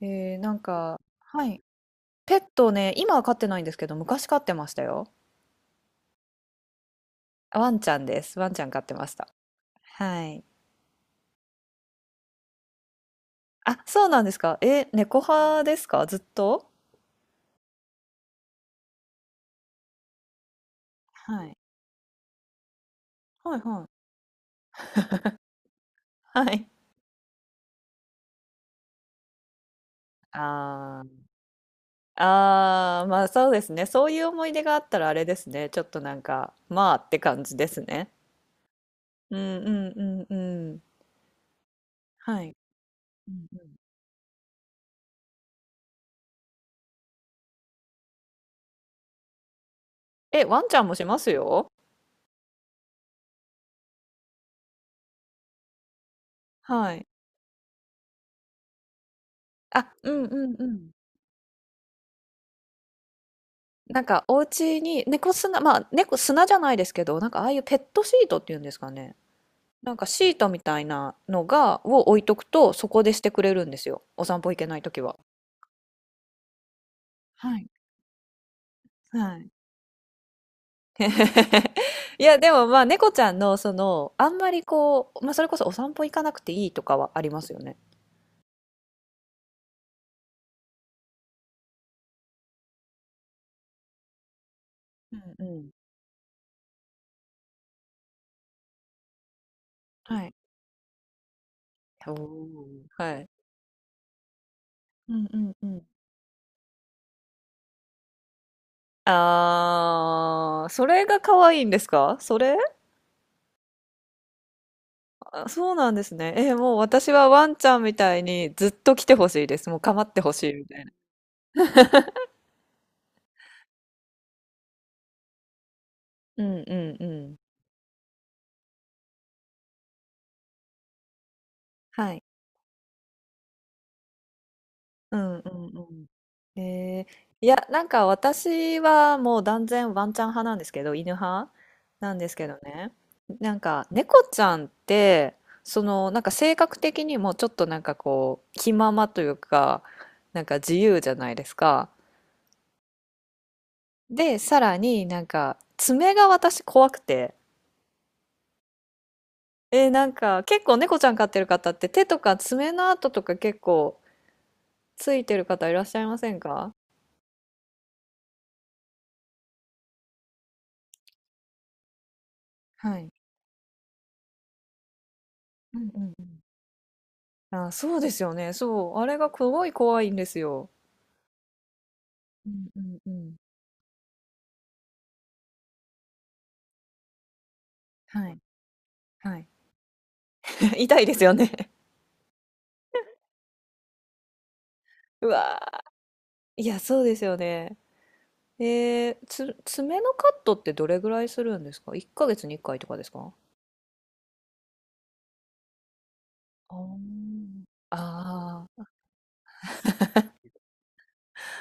なんか、はい。ペットね、今は飼ってないんですけど、昔飼ってましたよ。ワンちゃんです。ワンちゃん飼ってました。はい。あ、そうなんですか。え、猫派ですかずっと？はい。はいはい。はい。ああ、ああ、まあそうですね。そういう思い出があったらあれですね。ちょっとなんか、まあって感じですね。うんうんうんうん。はい。うんうん。え、ワンちゃんもしますよ。はい。あ、うんうんうん。なんか、お家に猫砂、まあ、猫砂じゃないですけど、なんか、ああいうペットシートっていうんですかね。なんか、シートみたいなのが、を置いとくと、そこでしてくれるんですよ。お散歩行けないときは。はい。はい。いや、でもまあ、猫ちゃんの、その、あんまりこう、まあ、それこそお散歩行かなくていいとかはありますよね。うんうん。はい。おーはい。うんうんうん。あー、それが可愛いんですか、それ？あ、そうなんですね。もう私はワンちゃんみたいにずっと来てほしいです。もう構ってほしいみたいな。うんうんうん。はい。うんうんうん。いや、なんか私はもう断然ワンちゃん派なんですけど、犬派なんですけどね。なんか猫ちゃんって、そのなんか性格的にもちょっとなんかこう気ままというか、なんか自由じゃないですか。で、さらになんか爪が私怖くて。なんか結構猫ちゃん飼ってる方って手とか爪の跡とか結構ついてる方いらっしゃいませんか？はい。うんうんうん。あ、そうですよね。そう。あれがすごい怖いんですよ。うんうんうん。はい。はい。痛いですよね。うわー。いや、そうですよね。爪のカットってどれぐらいするんですか ?1 ヶ月に1回とかですか？あーあ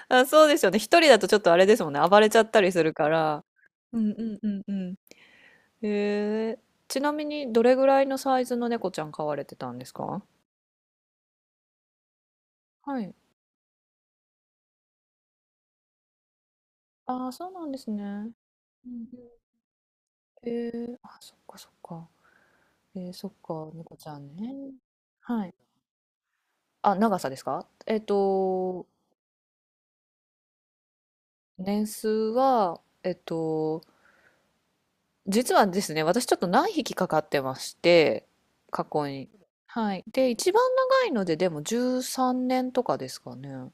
ーあ、そうですよね。一人だとちょっとあれですもんね。暴れちゃったりするから。うんうんうんうん、へえ。ちなみにどれぐらいのサイズの猫ちゃん飼われてたんですか？はい。ああ、そうなんですね。うんうん。あ、そっかそっか。そっか、猫ちゃんね。はい。あ、長さですか？年数は、実はですね、私ちょっと何匹かかってまして、過去に。はい。で、一番長いので、でも13年とかですかね。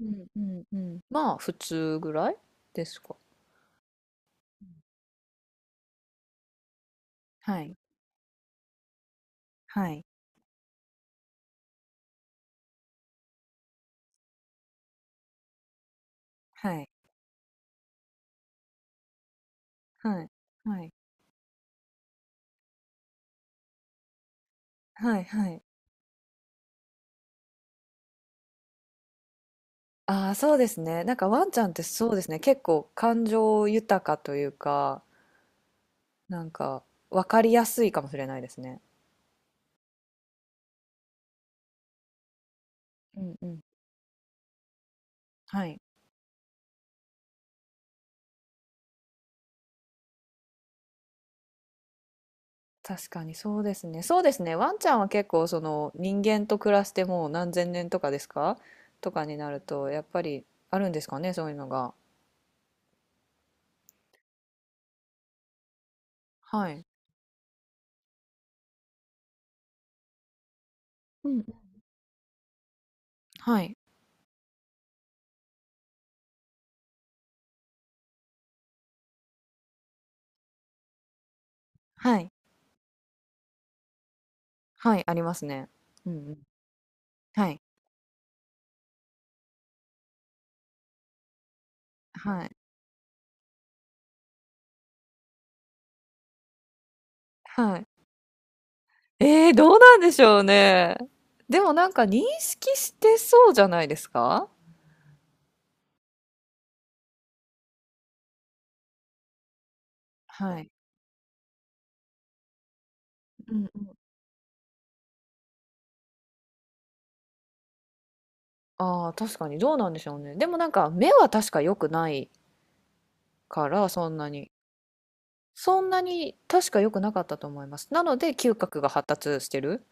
うんうんうん。まあ、普通ぐらいですか。はい、はい、はい、はい、はい、はい、はい。ああ、そうですね。なんかワンちゃんってそうですね。結構感情豊かというか、なんか分かりやすいかもしれないですね。うんうん。はい。確かにそうですね。そうですね。ワンちゃんは結構その人間と暮らしてもう何千年とかですか、とかになると、やっぱりあるんですかね、そういうのが。はい。うんうん。はい。はい。はい。ありますね。うんうん。はい。はい。はい。ええ、どうなんでしょうね。でもなんか認識してそうじゃないですか？はい。うんうん。ああ、確かにどうなんでしょうね。でもなんか目は確か良くないから、そんなに。そんなに確か良くなかったと思います。なので、嗅覚が発達してる。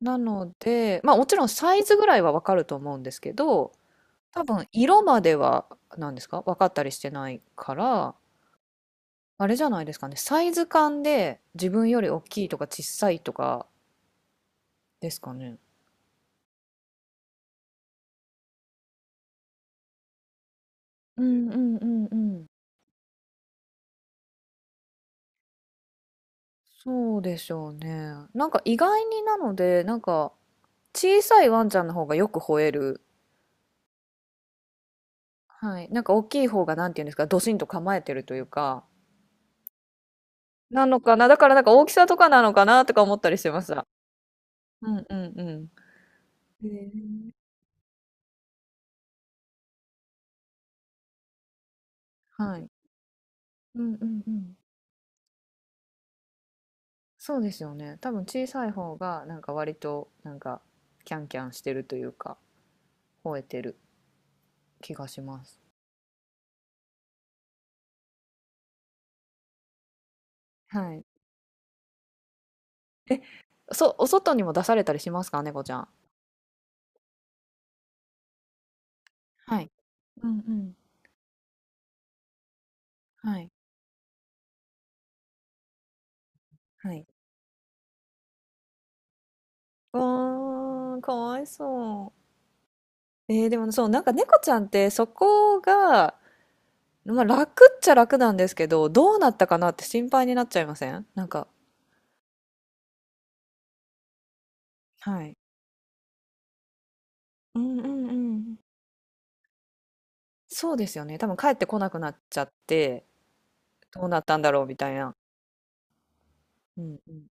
なので、ま、あもちろんサイズぐらいは分かると思うんですけど、多分色までは、なんですか、分かったりしてないから、あれじゃないですかね、サイズ感で自分より大きいとか小さいとかですかね？うんうんうんうん。そうでしょうね。なんか意外になので、なんか小さいワンちゃんの方がよく吠える。はい。なんか大きい方がなんていうんですか、ドシンと構えてるというか。なのかな。だからなんか大きさとかなのかなとか思ったりしてました。うんうんうん。へえ、はい。うんうんうん。そうですよね。多分小さい方がなんか割となんかキャンキャンしてるというか、吠えてる気がします。はい。え、お外にも出されたりしますか、猫ちゃん？はい。うんうん。はい。はい。わあ、かわいそう。でもねそう、なんか猫ちゃんってそこが、まあ、楽っちゃ楽なんですけど、どうなったかなって心配になっちゃいませんなんか？はい。うんうんうん。そうですよね。多分帰ってこなくなっちゃって、どうなったんだろうみたいな。うんうん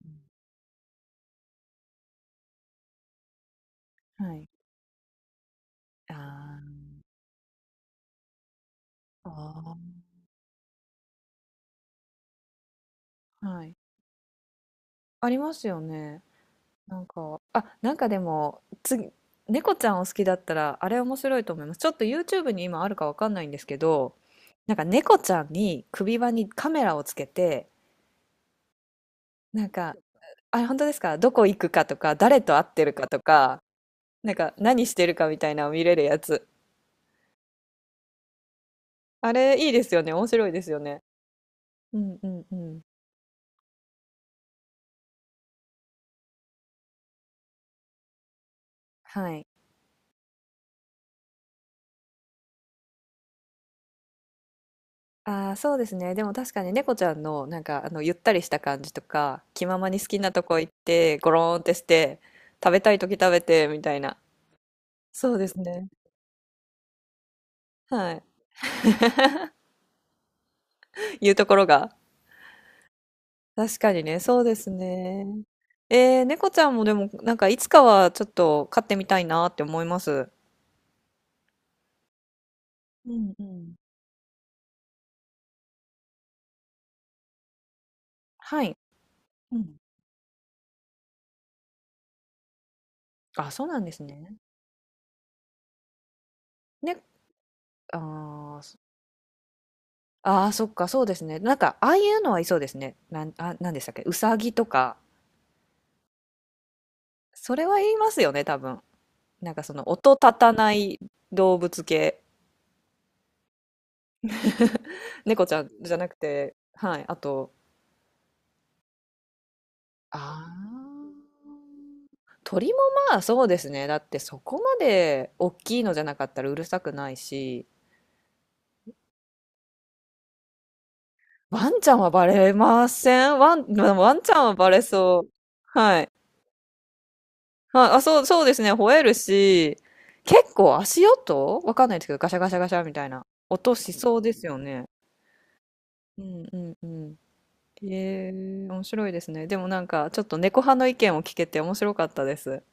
うん。はい。あーあー、はい。ありますよね。なんか、あ、なんかでも、次、猫ちゃんを好きだったら、あれ面白いと思います。ちょっと YouTube に今あるかわかんないんですけど、なんか猫ちゃんに首輪にカメラをつけて、なんか、あれ本当ですか？どこ行くかとか、誰と会ってるかとか、なんか何してるかみたいなのを見れるやつ。あれいいですよね。面白いですよね。うんうんうん。はい。ああ、そうですね。でも確かに猫ちゃんの、なんか、あの、ゆったりした感じとか、気ままに好きなとこ行って、ゴローンってして、食べたい時食べて、みたいな。そうですね。はい。いうところが。確かにね、そうですね。猫ちゃんもでも、なんか、いつかはちょっと飼ってみたいなって思います。うんうん。はい。うん。あ、そうなんですね。ね、あーそあー、そっか、そうですね。なんか、ああいうのはいそうですね。なんでしたっけ、うさぎとか、それは言いますよね、多分。なんかその音立たない動物系。猫ちゃんじゃなくて、はい。あと、あー鳥もまあそうですね。だってそこまで大きいのじゃなかったらうるさくないし、ワンちゃんはバレません。まあワンちゃんはバレそう。はい。あ、あ、そう、そうですね。吠えるし、結構足音わかんないですけど、ガシャガシャガシャみたいな音しそうですよね。うんうんうん。ええ面白いですね。でもなんか、ちょっと猫派の意見を聞けて面白かったです。